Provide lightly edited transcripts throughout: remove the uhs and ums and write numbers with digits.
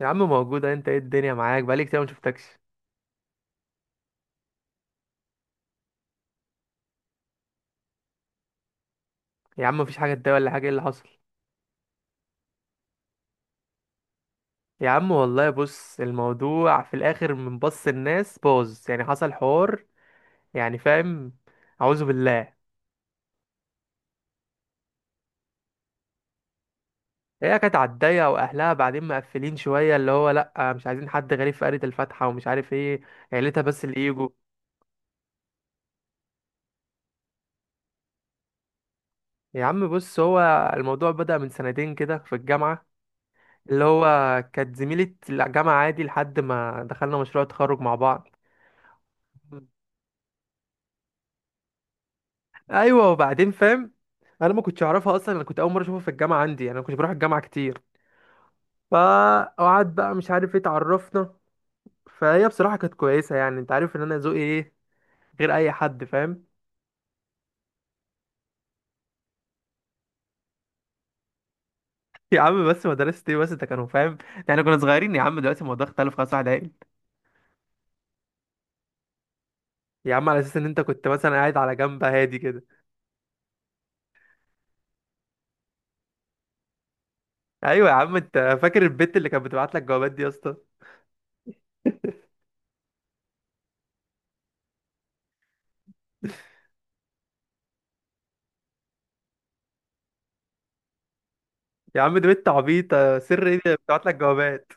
يا عم موجودة، انت ايه الدنيا؟ معاك بقالي كتير ما شفتكش. يا عم مفيش حاجة تضايق ولا حاجة، ايه اللي حصل؟ يا عم والله الموضوع في الاخر من الناس باظ، يعني حصل حوار. يعني فاهم. اعوذ بالله. هي كانت على الضيقة، واهلها بعدين مقفلين شوية، اللي هو لا مش عايزين حد غريب في قرية الفاتحة ومش عارف ايه. عيلتها بس اللي يجوا. يا عم بص هو الموضوع بدأ من سنتين كده في الجامعة. اللي هو كانت زميلة الجامعة عادي لحد ما دخلنا مشروع تخرج مع بعض. ايوه، وبعدين فاهم، انا ما كنتش اعرفها اصلا، انا كنت اول مره اشوفها في الجامعه عندي، يعني انا ما كنتش بروح الجامعه كتير. فقعد بقى مش عارف ايه، اتعرفنا. فهي بصراحه كانت كويسه، يعني انت عارف ان انا ذوقي ايه، غير اي حد فاهم. يا عم بس مدرسة ايه بس انت، كانوا فاهم، يعني كنا صغيرين يا عم، دلوقتي الموضوع اختلف خلاص، واحد عاقل. يا عم على اساس ان انت كنت مثلا قاعد على جنب هادي كده. ايوه يا عم، انت فاكر البت اللي كانت بتبعت لك جوابات دي يا اسطى؟ يا عم دي بنت عبيطه، سر ايه اللي بتبعت لك جوابات؟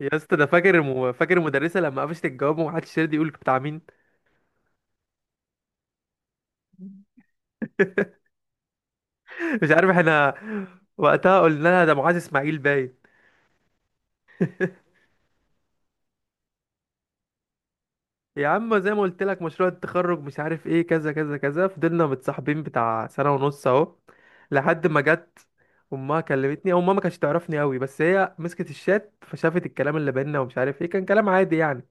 يا اسطى ده فاكر فاكر المدرسه لما قفشت الجواب ومحدش راضي يقول بتاع مين؟ مش عارف احنا. وقتها قلنا لها ده معاذ اسماعيل باين. يا عم زي ما قلت لك، مشروع التخرج مش عارف ايه، كذا كذا كذا، فضلنا متصاحبين بتاع سنه ونص اهو. لحد ما جت امها كلمتني، او امها ما كانتش تعرفني قوي، بس هي مسكت الشات فشافت الكلام اللي بينا ومش عارف ايه، كان كلام عادي يعني.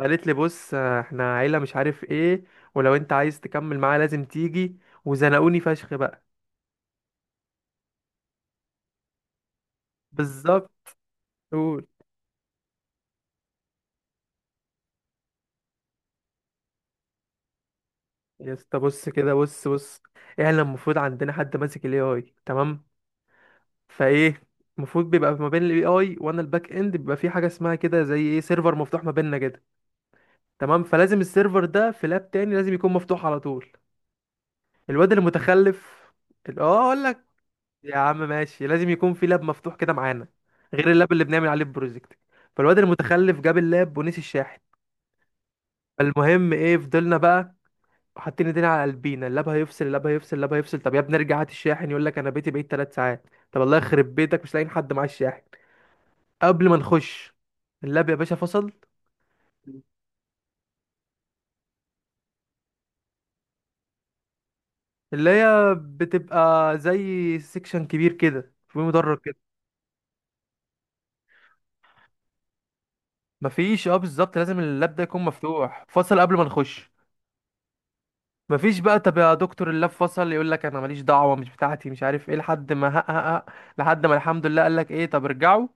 قالت لي بص، احنا عيله مش عارف ايه، ولو انت عايز تكمل معايا لازم تيجي. وزنقوني فشخ بقى. بالظبط. قول. يا اسطى بص كده، بص. احنا المفروض عندنا حد ماسك الاي اي، تمام؟ فايه، المفروض بيبقى ما بين الاي اي وانا الباك اند بيبقى في حاجه اسمها كده زي ايه، سيرفر مفتوح ما بيننا كده. تمام، فلازم السيرفر ده في لاب تاني، لازم يكون مفتوح على طول. الواد اللي متخلف اقول لك، يا عم ماشي، لازم يكون في لاب مفتوح كده معانا، غير اللاب اللي بنعمل عليه البروجكت. فالواد المتخلف جاب اللاب ونسي الشاحن. فالمهم ايه، فضلنا بقى حاطين ايدينا على قلبينا، اللاب هيفصل، اللاب هيفصل، اللاب هيفصل. طب يا ابني ارجع هات الشاحن، يقول لك انا بيتي بعيد 3 ساعات. طب الله يخرب بيتك، مش لاقيين حد معاه الشاحن. قبل ما نخش اللاب يا باشا فصل. اللي هي بتبقى زي سيكشن كبير كده في مدرج كده. مفيش، اه بالظبط، لازم اللاب ده يكون مفتوح. فصل قبل ما نخش. مفيش بقى. طب يا دكتور اللاب فصل، يقول لك انا ماليش دعوه، مش بتاعتي، مش عارف ايه، لحد ما هق هق هق، لحد ما الحمد لله قال لك ايه، طب ارجعوا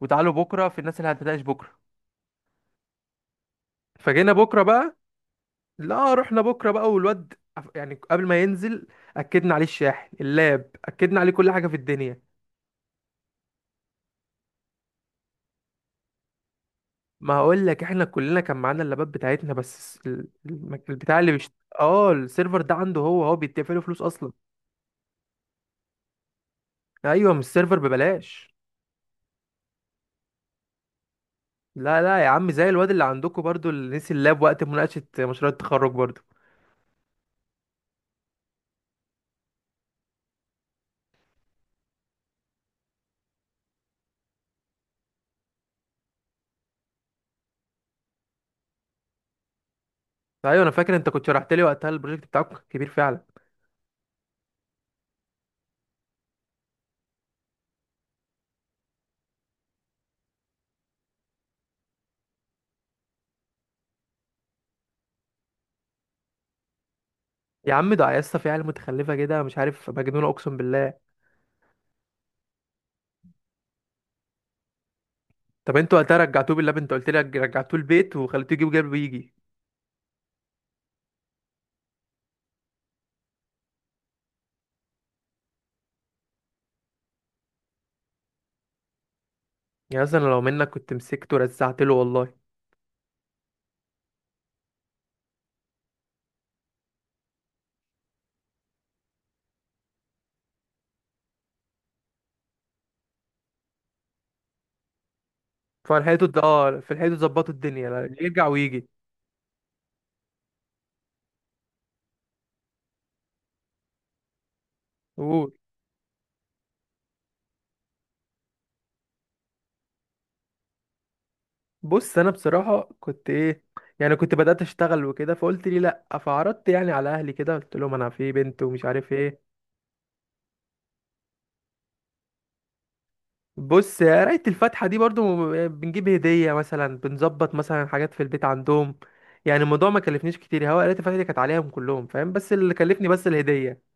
وتعالوا بكره في الناس اللي هتناقش بكره. فجينا بكره بقى. لا رحنا بكره بقى، والواد يعني قبل ما ينزل اكدنا عليه الشاحن، اللاب، اكدنا عليه كل حاجه في الدنيا. ما هقول لك، احنا كلنا كان معانا اللابات بتاعتنا، بس البتاع اللي اه السيرفر ده عنده، هو بيدفع له فلوس اصلا. ايوه، مش السيرفر ببلاش. لا لا يا عم، زي الواد اللي عندكم برضو اللي نسي اللاب وقت مناقشه مشروع التخرج برضو. ايوه انا فاكر انت كنت شرحت لي وقتها، البروجكت بتاعك كبير فعلا. يا عم ده يا اسطى في عيال متخلفه كده، مش عارف، مجنونه اقسم بالله. طب انتوا وقتها رجعتوه باللاب، انت قلت لي رجعتوه البيت وخليتوه يجيب جنبه يجي. يعني مثلا لو منك كنت مسكته ورزعت له، والله. فلحقته في الحيطه ظبطوا الدنيا، لا، يرجع ويجي. قول. بص انا بصراحه كنت ايه، يعني كنت بدات اشتغل وكده، فقلت لي لا، فعرضت يعني على اهلي كده، قلت لهم انا في بنت ومش عارف ايه. بص قرايه الفاتحه دي برضو، بنجيب هديه مثلا، بنظبط مثلا حاجات في البيت عندهم. يعني الموضوع ما كلفنيش كتير، هو قرايه الفاتحه دي كانت عليهم كلهم فاهم، بس اللي كلفني بس الهديه.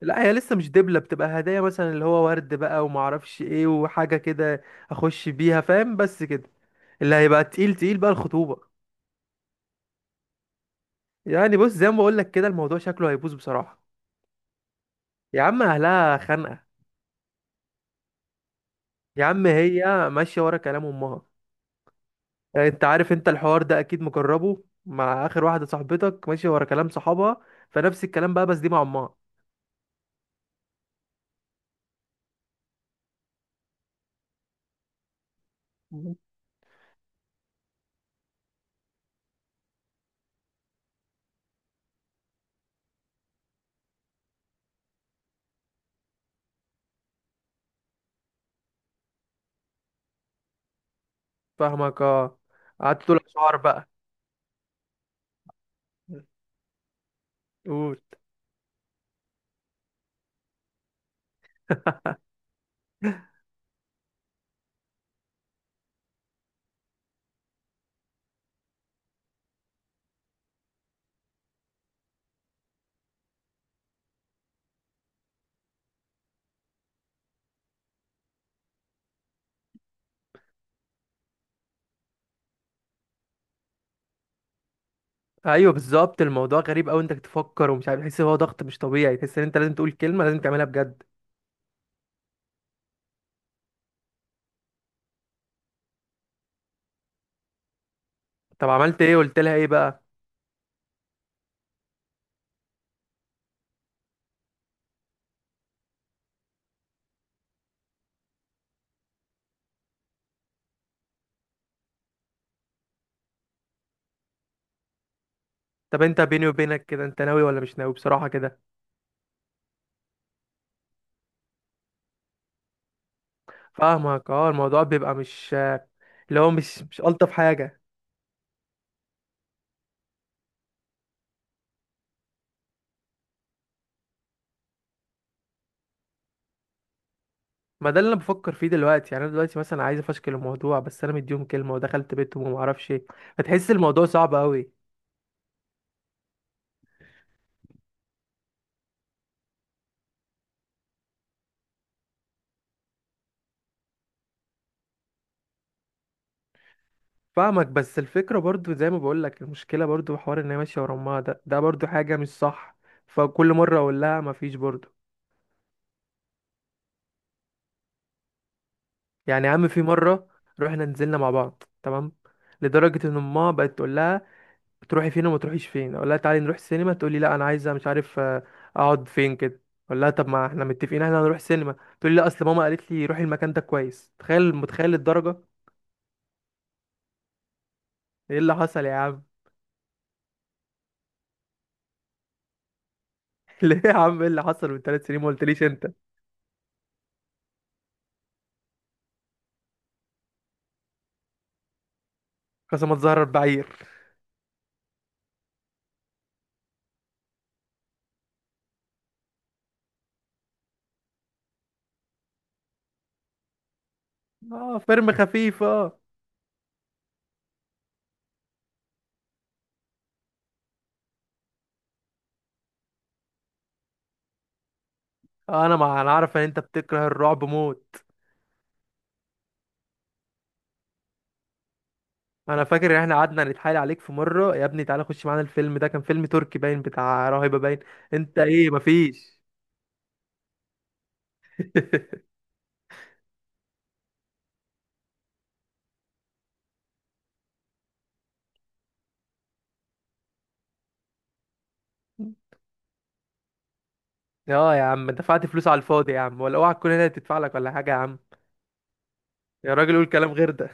لا هي لسه مش دبلة، بتبقى هدايا مثلا، اللي هو ورد بقى وما اعرفش ايه وحاجة كده. اخش بيها فاهم، بس كده. اللي هيبقى تقيل تقيل بقى الخطوبة. يعني بص زي ما بقول لك كده، الموضوع شكله هيبوظ بصراحة. يا عم اهلها خانقة. يا عم هي ماشية ورا كلام امها. يعني انت عارف، انت الحوار ده اكيد مجربه مع اخر واحدة، صاحبتك ماشية ورا كلام صحابها، فنفس الكلام بقى، بس دي مع امها. مم. فاهمك اه. قعدت تقول اشعار بقى. قول. ايوه بالظبط، الموضوع غريب قوي، انك تفكر ومش عارف، تحس ان هو ضغط مش طبيعي، تحس ان انت لازم تقول كلمه، لازم تعملها بجد. طب عملت ايه، قلت لها ايه بقى؟ طب انت بيني وبينك كده، انت ناوي ولا مش ناوي بصراحه كده؟ فاهمك اه، الموضوع بيبقى مش، اللي هو مش الطف حاجه. ما ده اللي انا بفكر فيه دلوقتي، يعني انا دلوقتي مثلا عايز افشكل الموضوع، بس انا مديهم كلمه ودخلت بيتهم وما اعرفش ايه. فتحس الموضوع صعب قوي. فاهمك، بس الفكره برضو زي ما بقول لك، المشكله برضو حوار ان هي ماشيه ورا امها، ده برضو حاجه مش صح. فكل مره اقول لها مفيش برضو. يعني يا عم في مرة رحنا نزلنا مع بعض تمام، لدرجة ان ماما بقت تقول لها تروحي فين وما تروحيش فين. اقول لها تعالي نروح سينما، تقول لي لا انا عايزة مش عارف اقعد فين كده. اقول لها طب ما احنا متفقين احنا هنروح سينما، تقول لي لا اصل ماما قالت لي روحي المكان ده كويس. تخيل، متخيل الدرجة؟ ايه اللي حصل يا عم؟ ليه يا عم، ايه اللي حصل من 3 سنين ما قلتليش انت؟ قسما تزهر بعير. اه فيلم خفيف اه. انا ما انا عارف ان انت بتكره الرعب موت. انا فاكر ان احنا قعدنا نتحايل عليك في مره، يا ابني تعالى خش معانا الفيلم ده، كان فيلم تركي باين بتاع راهبه باين. انت ايه مفيش. اه يا عم، انت دفعت فلوس على الفاضي يا عم، ولا اوعى تكون هنا تدفع لك ولا حاجه يا عم. يا راجل قول كلام غير ده.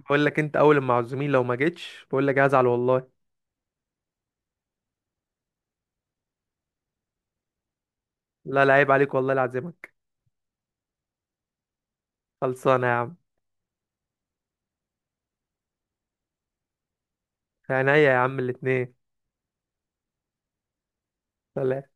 بقول لك انت، اول ما عزومين لو ما جيتش بقول لك هزعل والله. لا لا عيب عليك والله العزمك. خلصانه يا عم. عينيا يا عم الاتنين. سلام.